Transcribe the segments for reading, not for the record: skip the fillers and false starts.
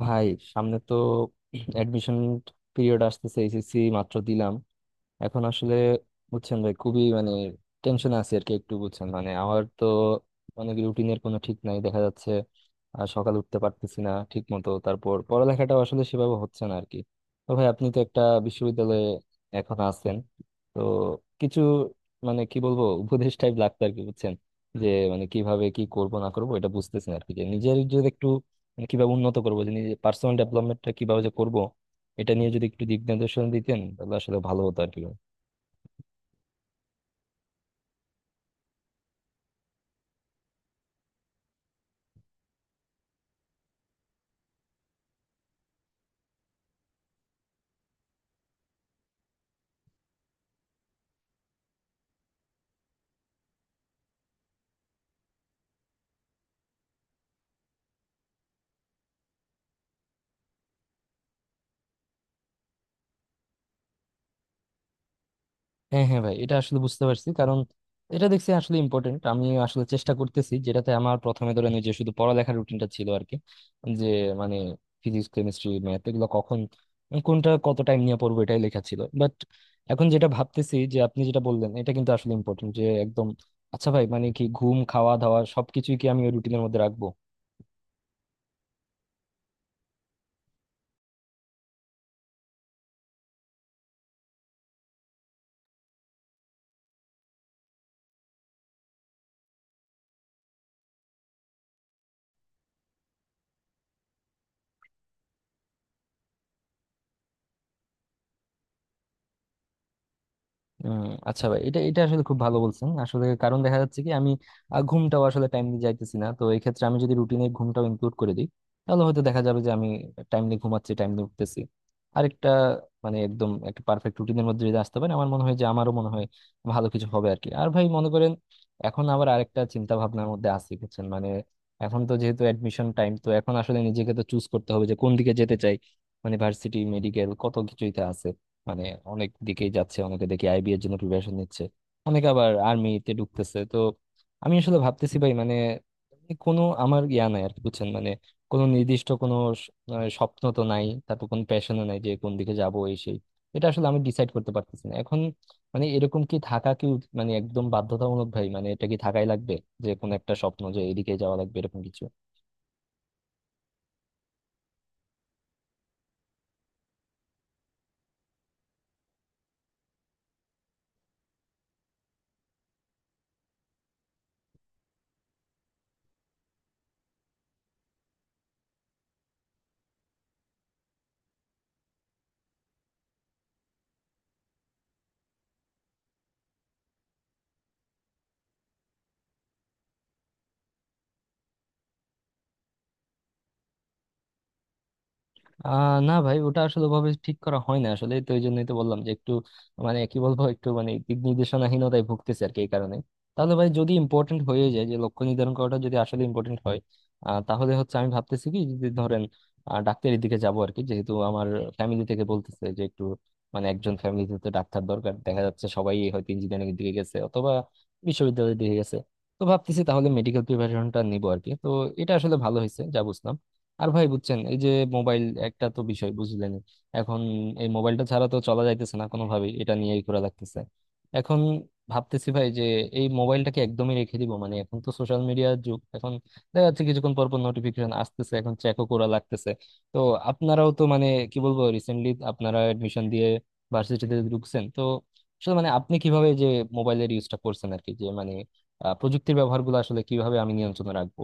ভাই, সামনে তো অ্যাডমিশন পিরিয়ড আসতেছে। এইচএসসি মাত্র দিলাম। এখন আসলে বুঝছেন ভাই, খুবই মানে টেনশন আছে আর কি একটু। বুঝছেন মানে আমার তো অনেক রুটিনের কোনো ঠিক নাই দেখা যাচ্ছে। আর সকাল উঠতে পারতেছি না ঠিক মতো, তারপর পড়ালেখাটাও আসলে সেভাবে হচ্ছে না আর কি। তো ভাই, আপনি তো একটা বিশ্ববিদ্যালয়ে এখন আছেন, তো কিছু মানে কি বলবো উপদেশ টাইপ লাগতো আর কি, বুঝছেন, যে মানে কিভাবে কি করব না করব এটা বুঝতেছি না আর কি। যে নিজের যদি একটু মানে কিভাবে উন্নত করবো, যে নিজের পার্সোনাল ডেভেলপমেন্টটা কিভাবে যে করবো, এটা নিয়ে যদি একটু দিক নির্দেশনা দিতেন তাহলে আসলে ভালো হতো আর কি। হ্যাঁ হ্যাঁ ভাই, এটা আসলে বুঝতে পারছি। কারণ এটা দেখছি আসলে ইম্পর্টেন্ট। আমি আসলে চেষ্টা করতেছি, যেটাতে আমার প্রথমে ধরেন ওই যে শুধু পড়ালেখার রুটিনটা ছিল আর কি। যে মানে ফিজিক্স, কেমিস্ট্রি, ম্যাথ এগুলো কখন, কোনটা কত টাইম নিয়ে পড়বো, এটাই লেখা ছিল। বাট এখন যেটা ভাবতেছি যে আপনি যেটা বললেন এটা কিন্তু আসলে ইম্পর্টেন্ট, যে একদম আচ্ছা ভাই, মানে কি ঘুম, খাওয়া দাওয়া সবকিছুই কি আমি ওই রুটিনের মধ্যে রাখবো? আচ্ছা ভাই, এটা এটা আসলে খুব ভালো বলছেন আসলে। কারণ দেখা যাচ্ছে কি আমি ঘুমটাও আসলে টাইমলি যাইতেছি না। তো এই ক্ষেত্রে আমি যদি রুটিনে ঘুমটাও ইনক্লুড করে দিই, তাহলে হয়তো দেখা যাবে যে আমি টাইমলি ঘুমাচ্ছি, টাইমলি উঠতেছি। আরেকটা মানে একদম একটা পারফেক্ট রুটিনের মধ্যে যদি আসতে পারে আমার মনে হয় যে, আমারও মনে হয় ভালো কিছু হবে আর কি। আর ভাই মনে করেন, এখন আবার আরেকটা চিন্তা ভাবনার মধ্যে আছি বুঝছেন, মানে এখন তো যেহেতু অ্যাডমিশন টাইম, তো এখন আসলে নিজেকে তো চুজ করতে হবে যে কোন দিকে যেতে চাই। মানে ভার্সিটি, মেডিকেল কত কিছুই তো আছে। মানে অনেক দিকেই যাচ্ছে, অনেকে দেখি আইবি এর জন্য প্রিপারেশন নিচ্ছে, অনেকে আবার আর্মিতে ঢুকতেছে। তো আমি আসলে ভাবতেছি ভাই, মানে কোনো আমার ইয়া নাই আর কি, বুঝছেন মানে কোনো নির্দিষ্ট কোনো স- আহ স্বপ্ন তো নাই, তারপর কোনো প্যাশনও নাই যে কোন দিকে যাবো এই সেই। এটা আসলে আমি ডিসাইড করতে পারতেছি না এখন। মানে এরকম কি থাকা কি মানে একদম বাধ্যতামূলক ভাই, মানে এটা কি থাকাই লাগবে, যে কোনো একটা স্বপ্ন যে এদিকে যাওয়া লাগবে এরকম কিছু? না ভাই, ওটা আসলে ভাবে ঠিক করা হয় না আসলে। তো এই জন্যই তো বললাম যে একটু মানে কি বলবো, একটু মানে দিক নির্দেশনাহীনতায় ভুগতেছে আর কি এই কারণে। তাহলে ভাই যদি ইম্পর্টেন্ট হয়ে যায়, যে লক্ষ্য নির্ধারণ করাটা যদি আসলে ইম্পর্টেন্ট হয়, তাহলে হচ্ছে আমি ভাবতেছি কি যদি ধরেন ডাক্তারের দিকে যাবো আর কি, যেহেতু আমার ফ্যামিলি থেকে বলতেছে যে একটু মানে একজন ফ্যামিলিতে তো ডাক্তার দরকার। দেখা যাচ্ছে সবাই হয়তো ইঞ্জিনিয়ারিং এর দিকে গেছে অথবা বিশ্ববিদ্যালয়ের দিকে গেছে। তো ভাবতেছি তাহলে মেডিকেল প্রিপারেশনটা নিবো আর কি। তো এটা আসলে ভালো হয়েছে যা বুঝলাম। আর ভাই বুঝছেন, এই যে মোবাইল একটা তো বিষয় বুঝলেনই। এখন এই মোবাইলটা ছাড়া তো চলা যাইতেছে না কোনোভাবেই, এটা নিয়েই ঘোরা লাগতেছে। এখন ভাবতেছি ভাই যে এই মোবাইলটাকে একদমই রেখে দিব। মানে এখন তো সোশ্যাল মিডিয়ার যুগ, এখন দেখা যাচ্ছে কিছুক্ষণ পর পর নোটিফিকেশন আসতেছে, এখন চেকও করা লাগতেছে। তো আপনারাও তো মানে কি বলবো রিসেন্টলি আপনারা এডমিশন দিয়ে ভার্সিটিতে ঢুকছেন, তো আসলে মানে আপনি কিভাবে যে মোবাইলের ইউজটা করছেন আর কি, যে মানে প্রযুক্তির ব্যবহারগুলো আসলে কিভাবে আমি নিয়ন্ত্রণে রাখবো?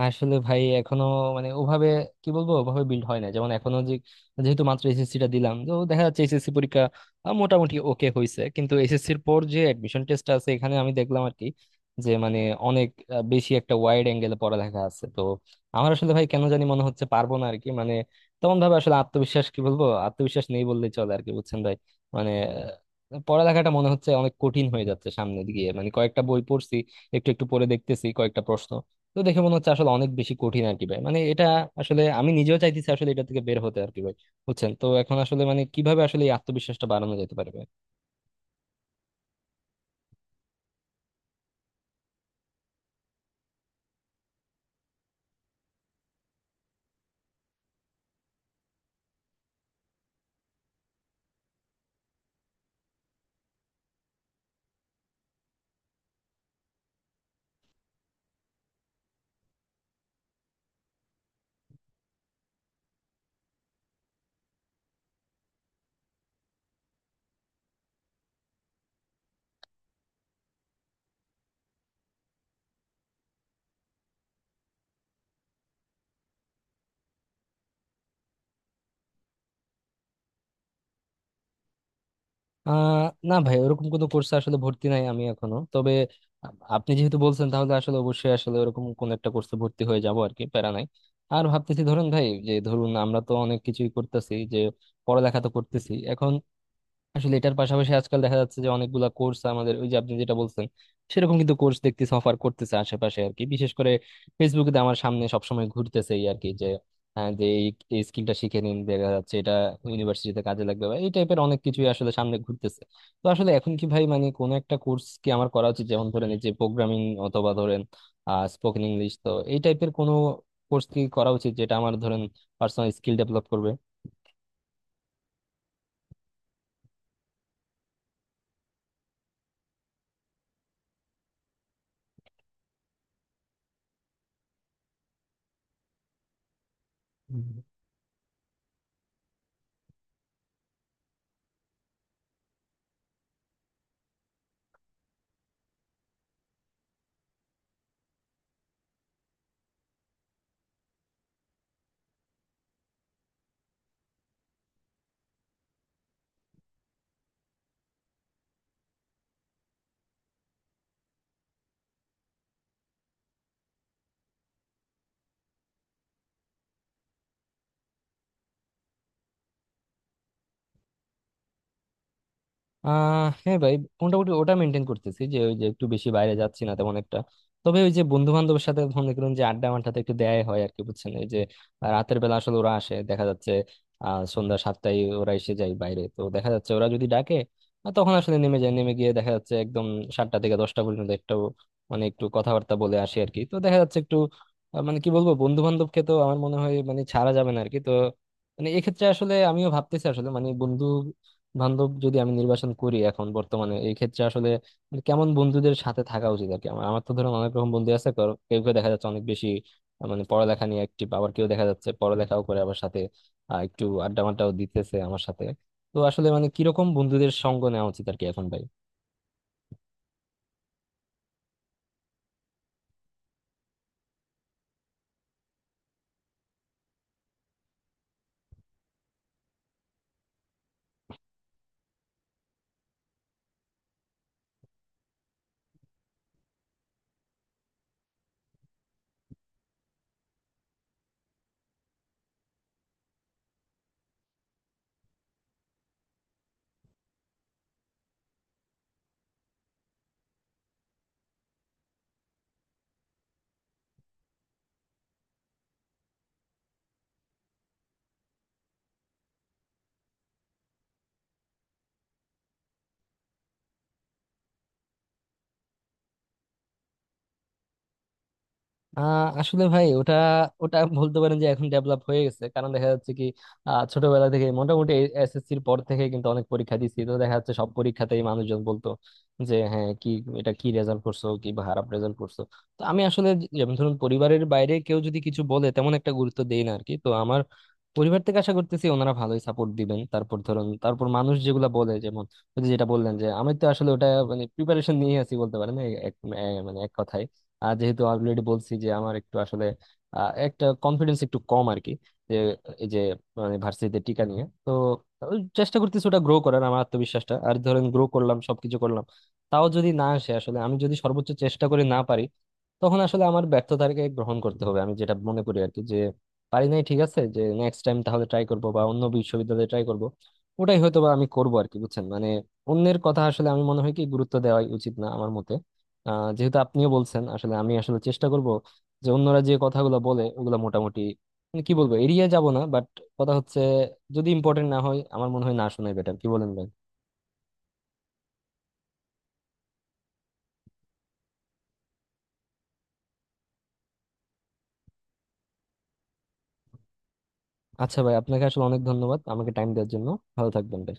আসলে ভাই এখনো মানে ওভাবে কি বলবো, ওভাবে বিল্ড হয় না। যেমন এখনো যে যেহেতু মাত্র এসএসসি টা দিলাম, তো দেখা যাচ্ছে এসএসসি পরীক্ষা মোটামুটি ওকে হয়েছে। কিন্তু এসএসসি এর পর যে অ্যাডমিশন টেস্ট আছে, এখানে আমি দেখলাম আর কি যে মানে অনেক বেশি একটা ওয়াইড অ্যাঙ্গেলে পড়ালেখা আছে। তো আমার আসলে ভাই কেন জানি মনে হচ্ছে পারবো না আর কি। মানে তেমন ভাবে আসলে আত্মবিশ্বাস কি বলবো, আত্মবিশ্বাস নেই বললেই চলে আর কি, বুঝছেন ভাই। মানে পড়ালেখাটা মনে হচ্ছে অনেক কঠিন হয়ে যাচ্ছে সামনের দিকে। মানে কয়েকটা বই পড়ছি, একটু একটু পড়ে দেখতেছি কয়েকটা প্রশ্ন, তো দেখে মনে হচ্ছে আসলে অনেক বেশি কঠিন আর কি ভাই। মানে এটা আসলে আমি নিজেও চাইতেছি আসলে এটা থেকে বের হতে আর কি ভাই, বুঝছেন। তো এখন আসলে মানে কিভাবে আসলে এই আত্মবিশ্বাসটা বাড়ানো যেতে পারবে? না ভাই, ওরকম কোনো কোর্সে আসলে ভর্তি নাই আমি এখনো। তবে আপনি যেহেতু বলছেন তাহলে আসলে অবশ্যই আসলে ওরকম কোন একটা কোর্সে ভর্তি হয়ে যাব আর কি, প্যারা নাই। আর ভাবতেছি ধরুন ভাই যে, ধরুন আমরা তো অনেক কিছুই করতেছি, যে পড়ালেখা তো করতেছি এখন। আসলে এটার পাশাপাশি আজকাল দেখা যাচ্ছে যে অনেকগুলা কোর্স আমাদের, ওই যে আপনি যেটা বলছেন সেরকম কিন্তু কোর্স দেখতেছি অফার করতেছে আশেপাশে আর কি। বিশেষ করে ফেসবুকে তো আমার সামনে সবসময় ঘুরতেছে এই আর কি, যে আহ, যে এই এই স্কিলটা শিখে নিন, দেখা যাচ্ছে এটা ইউনিভার্সিটিতে কাজে লাগবে বা এই টাইপের অনেক কিছুই আসলে সামনে ঘুরতেছে। তো আসলে এখন কি ভাই মানে কোন একটা কোর্স কি আমার করা উচিত, যেমন ধরেন এই যে প্রোগ্রামিং অথবা ধরেন স্পোকেন ইংলিশ, তো এই টাইপের কোনো কোর্স কি করা উচিত যেটা আমার ধরেন পার্সোনাল স্কিল ডেভেলপ করবে? হ্যাঁ ভাই, মোটামুটি ওটা মেনটেন করতেছি। যে ওই যে একটু বেশি বাইরে যাচ্ছি না তেমন একটা। তবে ওই যে বন্ধু বান্ধবের সাথে মনে করুন যে আড্ডা মাড্ডাতে একটু দেয়াই হয় আর কি, বুঝছেন। এই যে রাতের বেলা আসলে ওরা আসে দেখা যাচ্ছে, সন্ধ্যা 7টায় ওরা এসে যায় বাইরে। তো দেখা যাচ্ছে ওরা যদি ডাকে তখন আসলে নেমে যায়। নেমে গিয়ে দেখা যাচ্ছে একদম 7টা থেকে 10টা পর্যন্ত একটু মানে একটু কথাবার্তা বলে আসি আর কি। তো দেখা যাচ্ছে একটু মানে কি বলবো বন্ধু বান্ধবকে তো আমার মনে হয় মানে ছাড়া যাবে না আর কি। তো মানে এক্ষেত্রে আসলে আমিও ভাবতেছি আসলে মানে বন্ধু বান্ধব যদি আমি নির্বাচন করি এখন বর্তমানে, এই ক্ষেত্রে আসলে মানে কেমন বন্ধুদের সাথে থাকা উচিত আর কি। আমার আমার তো ধরুন অনেক রকম বন্ধু আছে। কেউ কেউ দেখা যাচ্ছে অনেক বেশি মানে পড়ালেখা নিয়ে অ্যাক্টিভ, আবার কেউ দেখা যাচ্ছে পড়ালেখাও করে আবার সাথে একটু আড্ডা মাড্ডাও দিতেছে আমার সাথে। তো আসলে মানে কিরকম বন্ধুদের সঙ্গ নেওয়া উচিত আর কি এখন ভাই? আসলে ভাই ওটা, বলতে পারেন যে এখন ডেভেলপ হয়ে গেছে। কারণ দেখা যাচ্ছে কি ছোটবেলা থেকে মোটামুটি এসএসসির পর থেকে কিন্তু অনেক পরীক্ষা দিছি, তো দেখা যাচ্ছে সব পরীক্ষাতেই মানুষজন বলতো যে হ্যাঁ কি এটা কি রেজাল্ট করছো, কি খারাপ রেজাল্ট করছো। তো আমি আসলে যেমন ধরুন পরিবারের বাইরে কেউ যদি কিছু বলে তেমন একটা গুরুত্ব দেই না আর কি। তো আমার পরিবার থেকে আশা করতেছি ওনারা ভালোই সাপোর্ট দিবেন। তারপর ধরুন তারপর মানুষ যেগুলা বলে, যেমন ওই যে যেটা বললেন, যে আমি তো আসলে ওটা মানে প্রিপারেশন নিয়ে আছি বলতে পারেন এই মানে এক কথায়। আর যেহেতু অলরেডি বলছি যে আমার একটু আসলে একটা কনফিডেন্স একটু কম আর কি। যে এই যে মানে ভার্সিটিতে টিকা নিয়ে তো ওই চেষ্টা করতেছি ওটা গ্রো করার, আমার আত্মবিশ্বাসটা। আর ধরেন গ্রো করলাম, সবকিছু করলাম, তাও যদি না আসে আসলে, আমি যদি সর্বোচ্চ চেষ্টা করে না পারি, তখন আসলে আমার ব্যর্থতাকে গ্রহণ করতে হবে, আমি যেটা মনে করি আর কি। যে পারি নাই ঠিক আছে, যে নেক্সট টাইম তাহলে ট্রাই করব বা অন্য বিশ্ববিদ্যালয়ে ট্রাই করব, ওটাই হয়তো বা আমি করব আর কি, বুঝছেন মানে। অন্যের কথা আসলে আমি মনে হয় কি গুরুত্ব দেওয়াই উচিত না আমার মতে। যেহেতু আপনিও বলছেন আসলে আমি আসলে চেষ্টা করব, যে অন্যরা যে কথাগুলো বলে ওগুলো মোটামুটি মানে কি বলবো এড়িয়ে যাব না। বাট কথা হচ্ছে যদি ইম্পর্টেন্ট না হয় আমার মনে হয় না শোনাই বেটার, কি বলেন ভাই? আচ্ছা ভাই, আপনাকে আসলে অনেক ধন্যবাদ আমাকে টাইম দেওয়ার জন্য। ভালো থাকবেন ভাই।